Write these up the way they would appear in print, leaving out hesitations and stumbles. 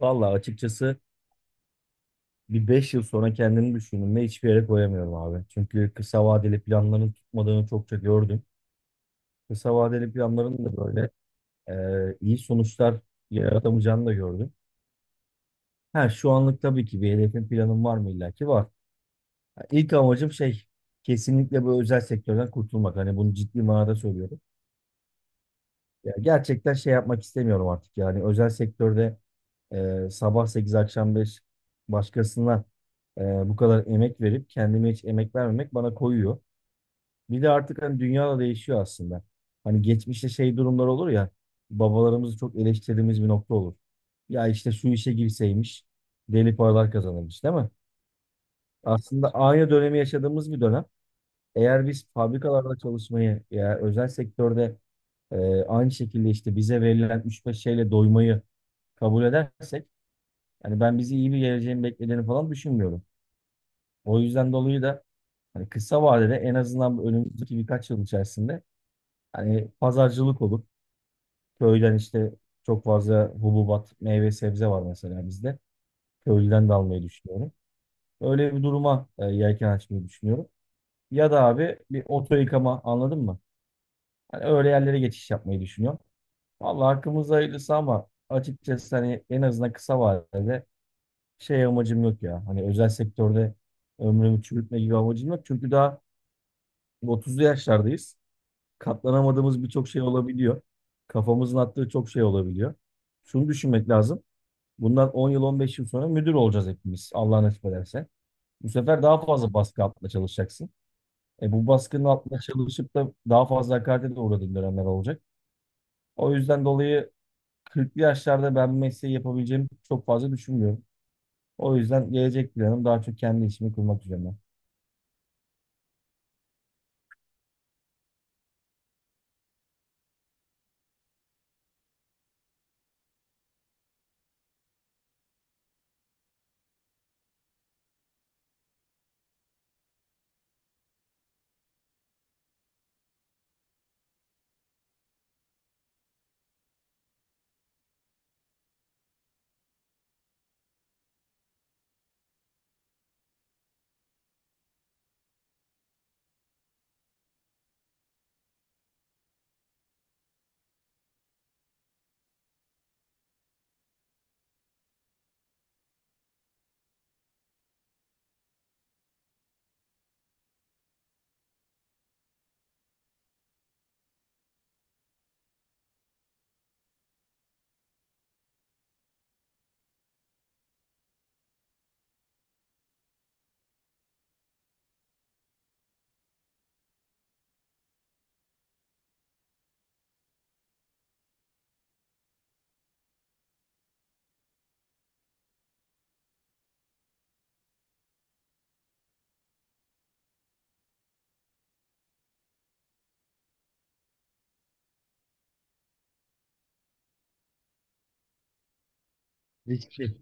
Vallahi açıkçası bir 5 yıl sonra kendini düşündüğümde hiçbir yere koyamıyorum abi. Çünkü kısa vadeli planların tutmadığını çokça gördüm. Kısa vadeli planların da böyle iyi sonuçlar yaratamayacağını da gördüm. Ha, şu anlık tabii ki bir hedefim planım var mı, illa ki var. Ha, İlk amacım kesinlikle bu özel sektörden kurtulmak. Hani bunu ciddi manada söylüyorum. Ya gerçekten şey yapmak istemiyorum artık, yani özel sektörde sabah 8 akşam 5 başkasına e, bu kadar emek verip kendime hiç emek vermemek bana koyuyor. Bir de artık hani dünya da değişiyor aslında. Hani geçmişte durumlar olur ya, babalarımızı çok eleştirdiğimiz bir nokta olur. Ya işte şu işe girseymiş, deli paralar kazanırmış değil mi? Aslında aynı dönemi yaşadığımız bir dönem. Eğer biz fabrikalarda çalışmayı ya özel sektörde aynı şekilde işte bize verilen üç beş şeyle doymayı kabul edersek, yani ben bizi iyi bir geleceğin beklediğini falan düşünmüyorum. O yüzden dolayı da hani kısa vadede en azından bu önümüzdeki birkaç yıl içerisinde hani pazarcılık olur. Köyden işte çok fazla hububat, meyve sebze var mesela bizde. Köylüden de almayı düşünüyorum. Öyle bir duruma yelken açmayı düşünüyorum. Ya da abi bir oto yıkama, anladın mı? Hani öyle yerlere geçiş yapmayı düşünüyorum. Vallahi hakkımız hayırlısı ama açıkçası hani en azından kısa vadede amacım yok ya. Hani özel sektörde ömrümü çürütme gibi amacım yok. Çünkü daha 30'lu yaşlardayız. Katlanamadığımız birçok şey olabiliyor. Kafamızın attığı çok şey olabiliyor. Şunu düşünmek lazım. Bundan 10 yıl 15 yıl sonra müdür olacağız hepimiz. Allah nasip ederse. Bu sefer daha fazla baskı altında çalışacaksın. Bu baskının altında çalışıp da daha fazla hakarete de uğradığın dönemler olacak. O yüzden dolayı 40'lı yaşlarda ben bu mesleği yapabileceğimi çok fazla düşünmüyorum. O yüzden gelecek planım daha çok kendi işimi kurmak üzerine. Riskli.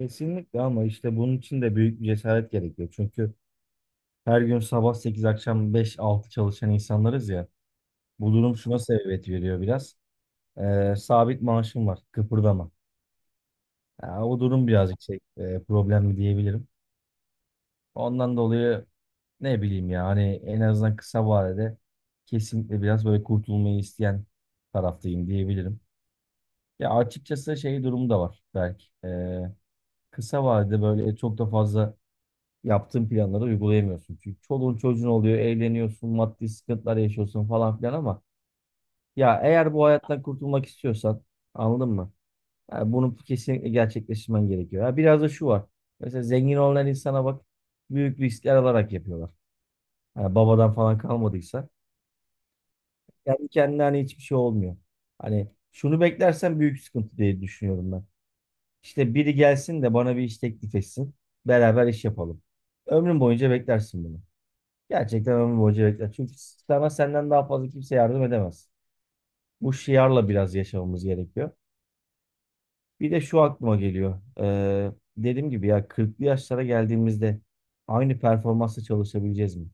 Kesinlikle, ama işte bunun için de büyük bir cesaret gerekiyor. Çünkü her gün sabah 8 akşam beş altı çalışan insanlarız ya. Bu durum şuna sebebiyet veriyor biraz. Sabit maaşım var. Kıpırdama. Ya, o durum birazcık problemli diyebilirim. Ondan dolayı ne bileyim ya, hani en azından kısa vadede kesinlikle biraz böyle kurtulmayı isteyen taraftayım diyebilirim. Ya açıkçası durumu da var belki. Kısa vadede böyle çok da fazla yaptığın planları uygulayamıyorsun. Çünkü çoluğun çocuğun oluyor, evleniyorsun, maddi sıkıntılar yaşıyorsun falan filan, ama ya eğer bu hayattan kurtulmak istiyorsan, anladın mı? Yani bunu kesinlikle gerçekleştirmen gerekiyor. Ya biraz da şu var. Mesela zengin olan insana bak, büyük riskler alarak yapıyorlar. Yani babadan falan kalmadıysa kendi kendine hani hiçbir şey olmuyor. Hani şunu beklersen büyük sıkıntı diye düşünüyorum ben. İşte biri gelsin de bana bir iş teklif etsin. Beraber iş yapalım. Ömrün boyunca beklersin bunu. Gerçekten ömür boyunca bekler. Çünkü sana senden daha fazla kimse yardım edemez. Bu şiarla biraz yaşamamız gerekiyor. Bir de şu aklıma geliyor. Dediğim gibi ya 40'lı yaşlara geldiğimizde aynı performansla çalışabileceğiz mi?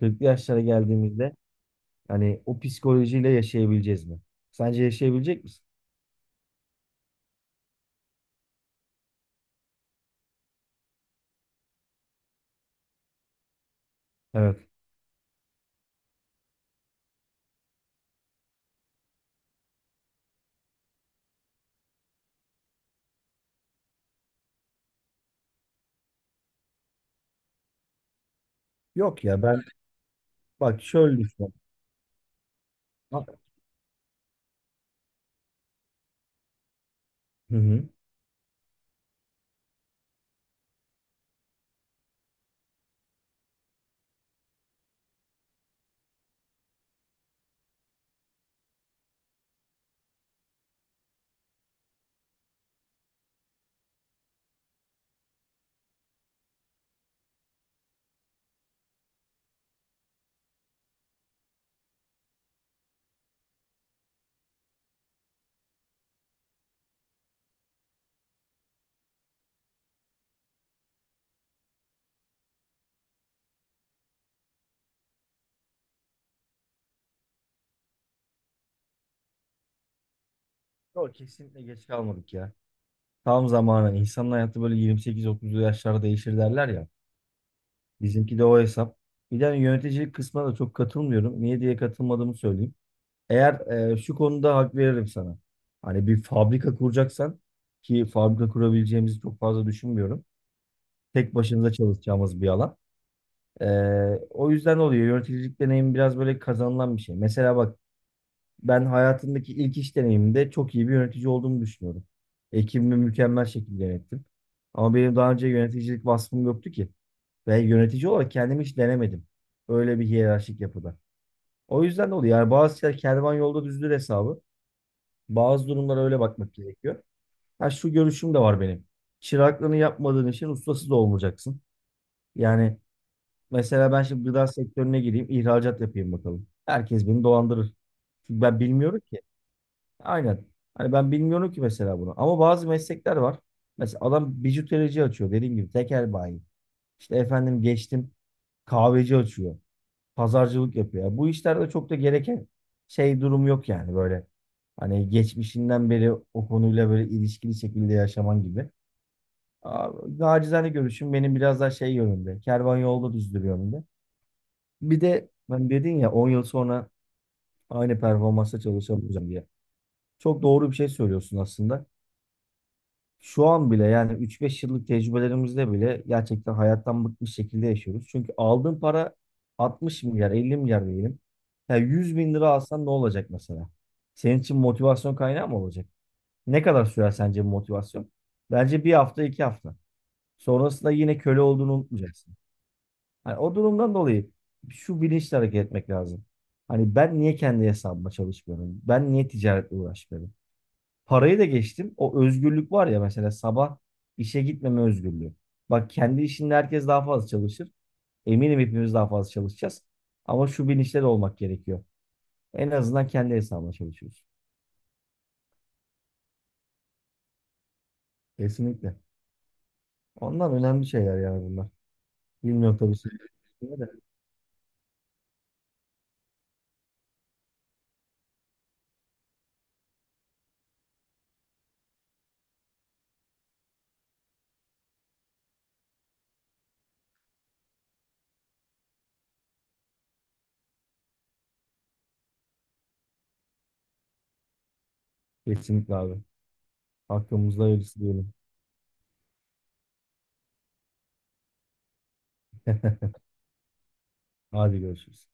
40'lı yaşlara geldiğimizde hani o psikolojiyle yaşayabileceğiz mi? Sence yaşayabilecek misin? Evet. Yok ya, ben bak şöyle düşünüyorum. Ha- Hı hı. Yok, kesinlikle geç kalmadık ya. Tam zamanı. İnsanın hayatı böyle 28-30'lu yaşlarda değişir derler ya. Bizimki de o hesap. Bir de hani yöneticilik kısmına da çok katılmıyorum. Niye diye katılmadığımı söyleyeyim. Eğer şu konuda hak veririm sana. Hani bir fabrika kuracaksan, ki fabrika kurabileceğimizi çok fazla düşünmüyorum. Tek başımıza çalışacağımız bir alan. E, O yüzden oluyor. Yöneticilik deneyimi biraz böyle kazanılan bir şey. Mesela bak, ben hayatımdaki ilk iş deneyimimde çok iyi bir yönetici olduğumu düşünüyorum. Ekibimi mükemmel şekilde yönettim. Ama benim daha önce yöneticilik vasfım yoktu ki. Ve yönetici olarak kendimi hiç denemedim. Öyle bir hiyerarşik yapıda. O yüzden de oluyor. Yani bazı şeyler kervan yolda düzdür hesabı. Bazı durumlara öyle bakmak gerekiyor. Ha, şu görüşüm de var benim. Çıraklığını yapmadığın işin ustası da olmayacaksın. Yani mesela ben şimdi gıda sektörüne gireyim, ihracat yapayım bakalım. Herkes beni dolandırır. Çünkü ben bilmiyorum ki. Aynen. Hani ben bilmiyorum ki mesela bunu. Ama bazı meslekler var. Mesela adam bijuterici açıyor, dediğim gibi tekel bayi. İşte efendim, geçtim kahveci açıyor, pazarcılık yapıyor. Bu işlerde çok da gereken durum yok yani, böyle hani geçmişinden beri o konuyla böyle ilişkili şekilde yaşaman gibi. Aa, Nacizane görüşüm benim biraz daha yönünde. Kervan yolda düzdür yönünde. Bir de ben, dedin ya 10 yıl sonra aynı performansta çalışamayacağım diye. Çok doğru bir şey söylüyorsun aslında. Şu an bile yani 3-5 yıllık tecrübelerimizde bile gerçekten hayattan bıkmış şekilde yaşıyoruz. Çünkü aldığın para 60 milyar, 50 milyar diyelim. Ya 100 bin lira alsan ne olacak mesela? Senin için motivasyon kaynağı mı olacak? Ne kadar sürer sence bu motivasyon? Bence 1 hafta, 2 hafta. Sonrasında yine köle olduğunu unutmayacaksın. Hani o durumdan dolayı şu bilinçle hareket etmek lazım. Hani ben niye kendi hesabıma çalışmıyorum? Ben niye ticaretle uğraşmıyorum? Parayı da geçtim. O özgürlük var ya, mesela sabah işe gitmeme özgürlüğü. Bak, kendi işinde herkes daha fazla çalışır. Eminim hepimiz daha fazla çalışacağız. Ama şu bilinçte de olmak gerekiyor. En azından kendi hesabına çalışıyoruz. Kesinlikle. Ondan önemli şeyler yani bunlar. Bilmiyorum tabii. Kesinlikle abi. Hakkımızda öylesi diyelim. Hadi görüşürüz.